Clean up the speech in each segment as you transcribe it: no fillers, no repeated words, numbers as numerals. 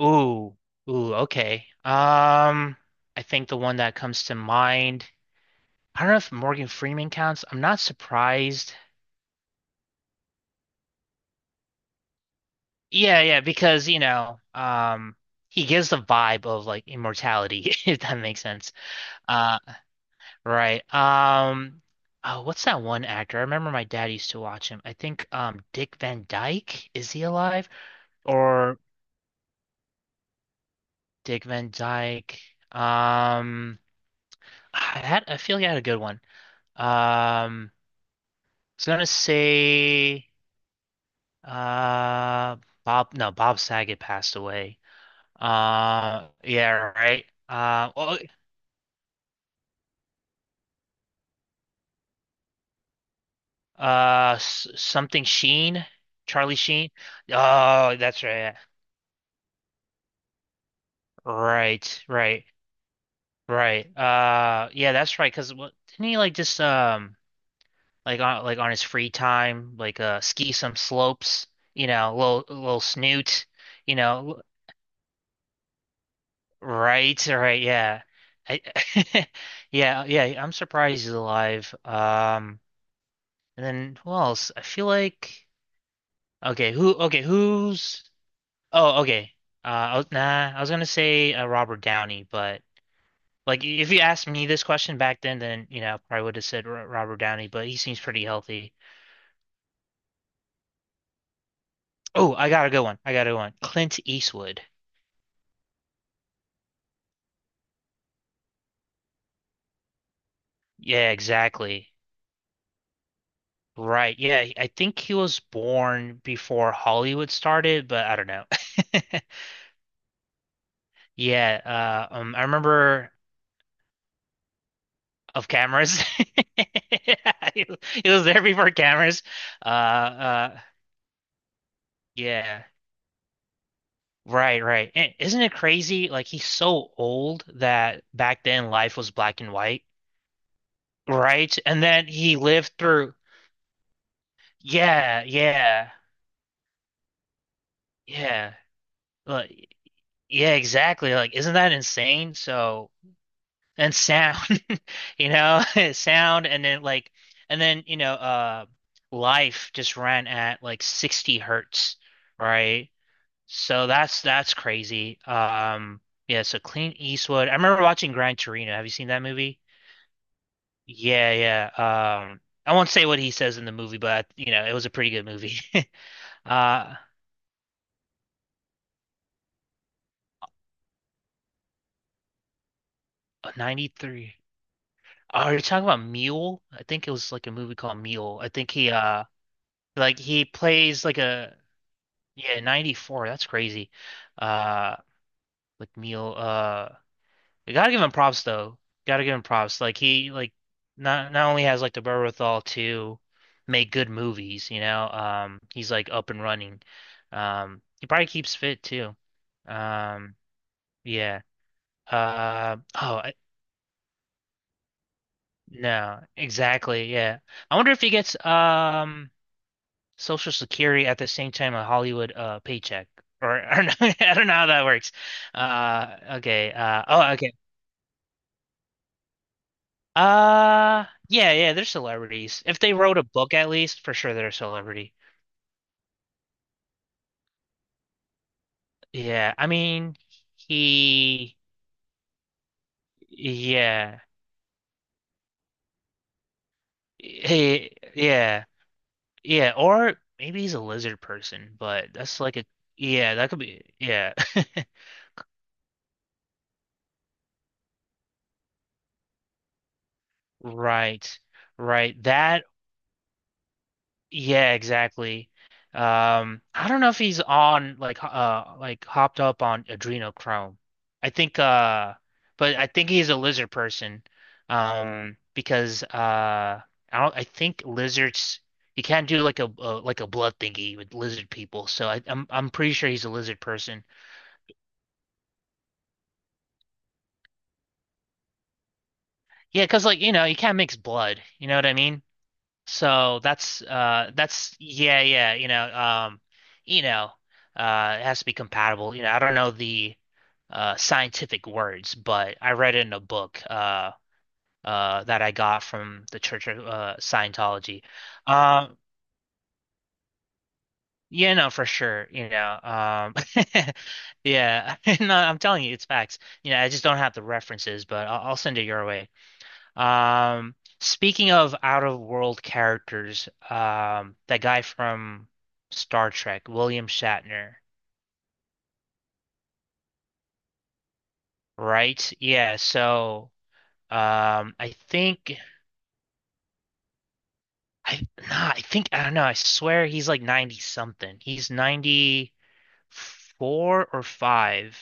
Ooh, ooh, okay. I think the one that comes to mind, I don't know if Morgan Freeman counts. I'm not surprised. Yeah, yeah, because he gives the vibe of like immortality, if that makes sense. Uh, right. Oh, what's that one actor? I remember my dad used to watch him. I think Dick Van Dyke, is he alive? Or Dick Van Dyke. Um, I feel like I had a good one. Um. Was gonna say uh Bob, no, Bob Saget passed away. Yeah, right. Oh, something Sheen, Charlie Sheen. Oh, that's right, yeah. Right, right, right. Yeah, that's right, 'cause what didn't he like just like on his free time, like ski some slopes, little snoot, you know, right, right, yeah. I, yeah, yeah, I'm surprised he's alive. And then who else? I feel like okay, who, okay, who's, oh, okay. Nah, I was gonna say Robert Downey, but like if you asked me this question back then, I probably would have said R Robert Downey, but he seems pretty healthy. Oh, I got a good one. I got a good one. Clint Eastwood. Yeah, exactly. Right. Yeah, I think he was born before Hollywood started, but I don't know. Yeah, I remember of cameras. He he was there before cameras. Uh, uh, yeah, right, right. And isn't it crazy? Like he's so old that back then life was black and white, right? And then he lived through. Yeah, yeah, yeah. Like, yeah, exactly. Like, isn't that insane? So. And sound, you know, sound, and then like, and then life just ran at like 60 hertz, right? So that's crazy. Yeah. So Clint Eastwood. I remember watching Gran Torino. Have you seen that movie? Yeah, yeah. I won't say what he says in the movie, but it was a pretty good movie. Uh, oh, 93. Oh, are you talking about Mule? I think it was like a movie called Mule. I think he like he plays like a yeah, 94. That's crazy. Uh McNeil, you gotta give him props though. Gotta give him props. Like he, like not only has like the wherewithal to make good movies, he's like up and running. He probably keeps fit too. Um yeah. Uh oh I, no, exactly, yeah. I wonder if he gets Social Security at the same time a Hollywood paycheck. Or, I don't know how that works. Okay. Oh okay. Yeah, yeah, they're celebrities. If they wrote a book at least, for sure they're a celebrity. Yeah, I mean, he, yeah. He, yeah. Yeah, or maybe he's a lizard person, but that's like a, yeah, that could be, yeah. Right. Right. That Yeah, exactly. I don't know if he's on like like hopped up on adrenochrome. I think But I think he's a lizard person. Because I think lizards, you can't do like a, like a blood thingy with lizard people. So I'm pretty sure he's a lizard person. Yeah, 'cause like you can't mix blood, you know what I mean? So that's, yeah, yeah, you know it has to be compatible, I don't know the scientific words, but I read it in a book that I got from the Church of Scientology. um yeah, no, for sure. Yeah. No, I'm telling you it's facts, I just don't have the references, but I'll send it your way. Um, Speaking of out of world characters, that guy from Star Trek, William Shatner, right? Yeah, so I think I nah, I think, I don't know, I swear he's like 90 something. He's 94 or 5.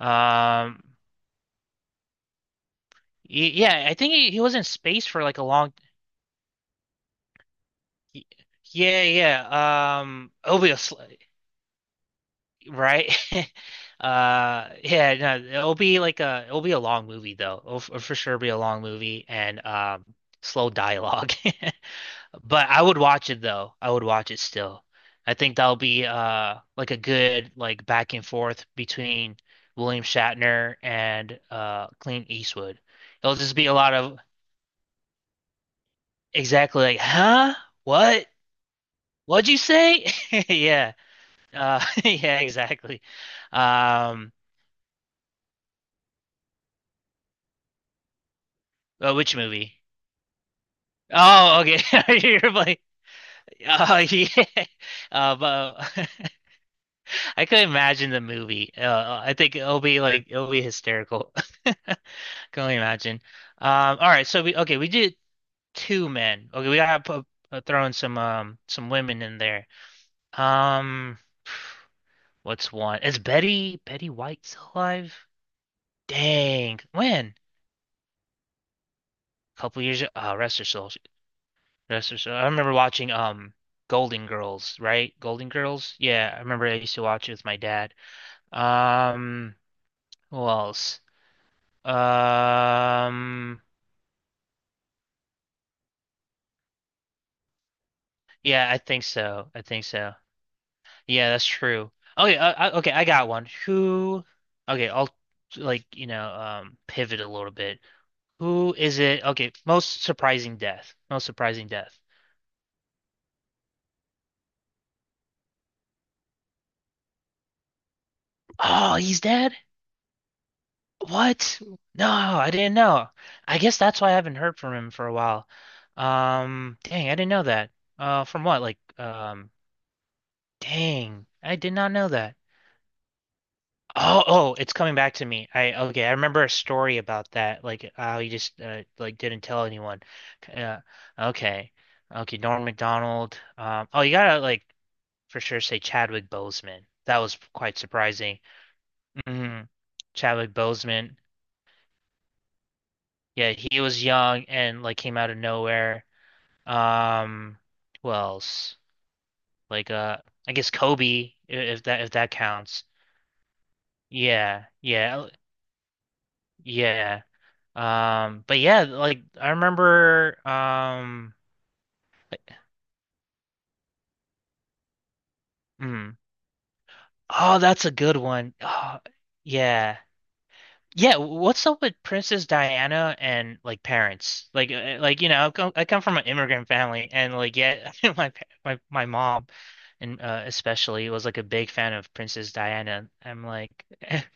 Um yeah, I think he was in space for like a long, y- yeah, yeah. Obviously. Right? Yeah, no, it'll be a long movie though. For sure be a long movie and slow dialogue. But I would watch it though. I would watch it still. I think that'll be like a good like back and forth between William Shatner and Clint Eastwood. It'll just be a lot of exactly like, "Huh? What? What'd you say?" Yeah. Yeah, exactly. Um which movie? Oh, okay. You're like, oh yeah. But I could imagine the movie. I think it'll be hysterical. Can only imagine. All right, so we okay, we did two men. Okay, we gotta throw in some women in there. Um, what's one? Is Betty White still alive? Dang, when? A couple years. Oh, rest her soul. That's for sure. I remember watching Golden Girls, right? Golden Girls? Yeah, I remember I used to watch it with my dad. Um, who else? Um, yeah, I think so. I think so. Yeah, that's true. Okay, okay, I got one. Who? Okay, I'll like, pivot a little bit. Who is it? Okay, most surprising death. Most surprising death. Oh, he's dead? What? No, I didn't know. I guess that's why I haven't heard from him for a while. Dang, I didn't know that. From what? Like, dang, I did not know that. Oh, oh, it's coming back to me. I Okay, I remember a story about that. Like, how he just like didn't tell anyone. Uh, okay, okay, Norm Macdonald. Oh, you gotta like for sure say Chadwick Boseman. That was quite surprising. hmm Chadwick Boseman. Yeah, he was young and like came out of nowhere. Um, who else? Like I guess Kobe, if that counts. Yeah, yeah, yeah. But yeah, like I remember mm. Oh, that's a good one. Oh, yeah. Yeah, what's up with Princess Diana and like parents? Like I come from an immigrant family, and like, yeah, my mom, and especially was like a big fan of Princess Diana. I'm like,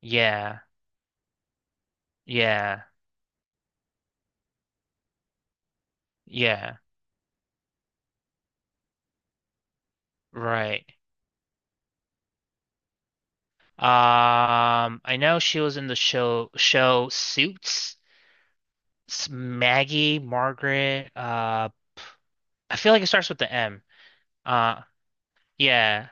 yeah, yeah, yeah, right. I know she was in the show Suits. Maggie, Margaret. I feel like it starts with the M. Uh, yeah.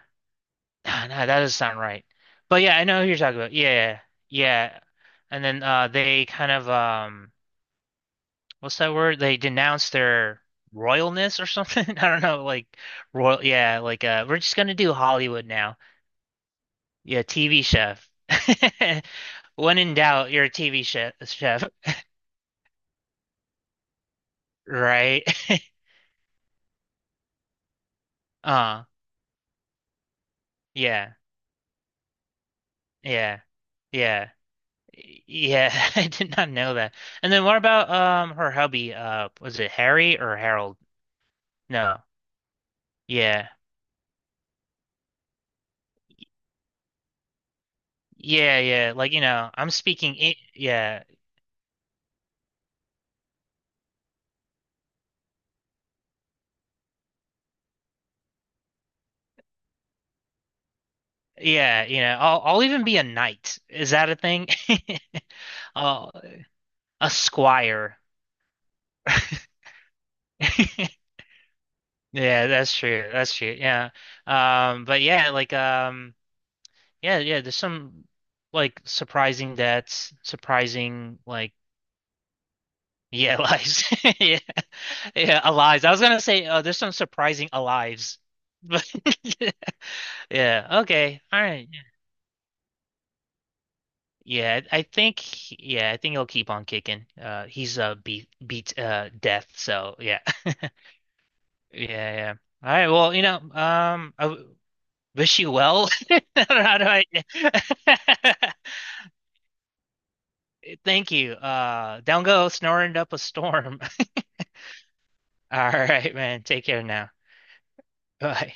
No, no, that doesn't sound right. But yeah, I know who you're talking about. Yeah, yeah. And then they kind of what's that word? They denounced their royalness or something. I don't know, like royal yeah, like we're just gonna do Hollywood now. Yeah, TV chef. When in doubt, you're a TV chef, right? Uh yeah, yeah, yeah. Yeah, I did not know that. And then what about her hubby? Was it Harry or Harold? No. Yeah. Yeah, yeah. Like, you know, I'm speaking I yeah. Yeah, I'll even be a knight. Is that a thing? Oh, a squire. Yeah, that's true. That's true. Yeah. But yeah, like yeah, yeah, there's some like surprising deaths, surprising, like, yeah, lives. Yeah. Yeah, alives. I was gonna say there's some surprising alives. But yeah, okay. All right. Yeah, I think, yeah, I think he'll keep on kicking. He's beat death, so yeah. Yeah, yeah. All right, well, wish you well. I don't know, how do I? Thank you. Down go snoring up a storm. All right, man. Take care now. Bye.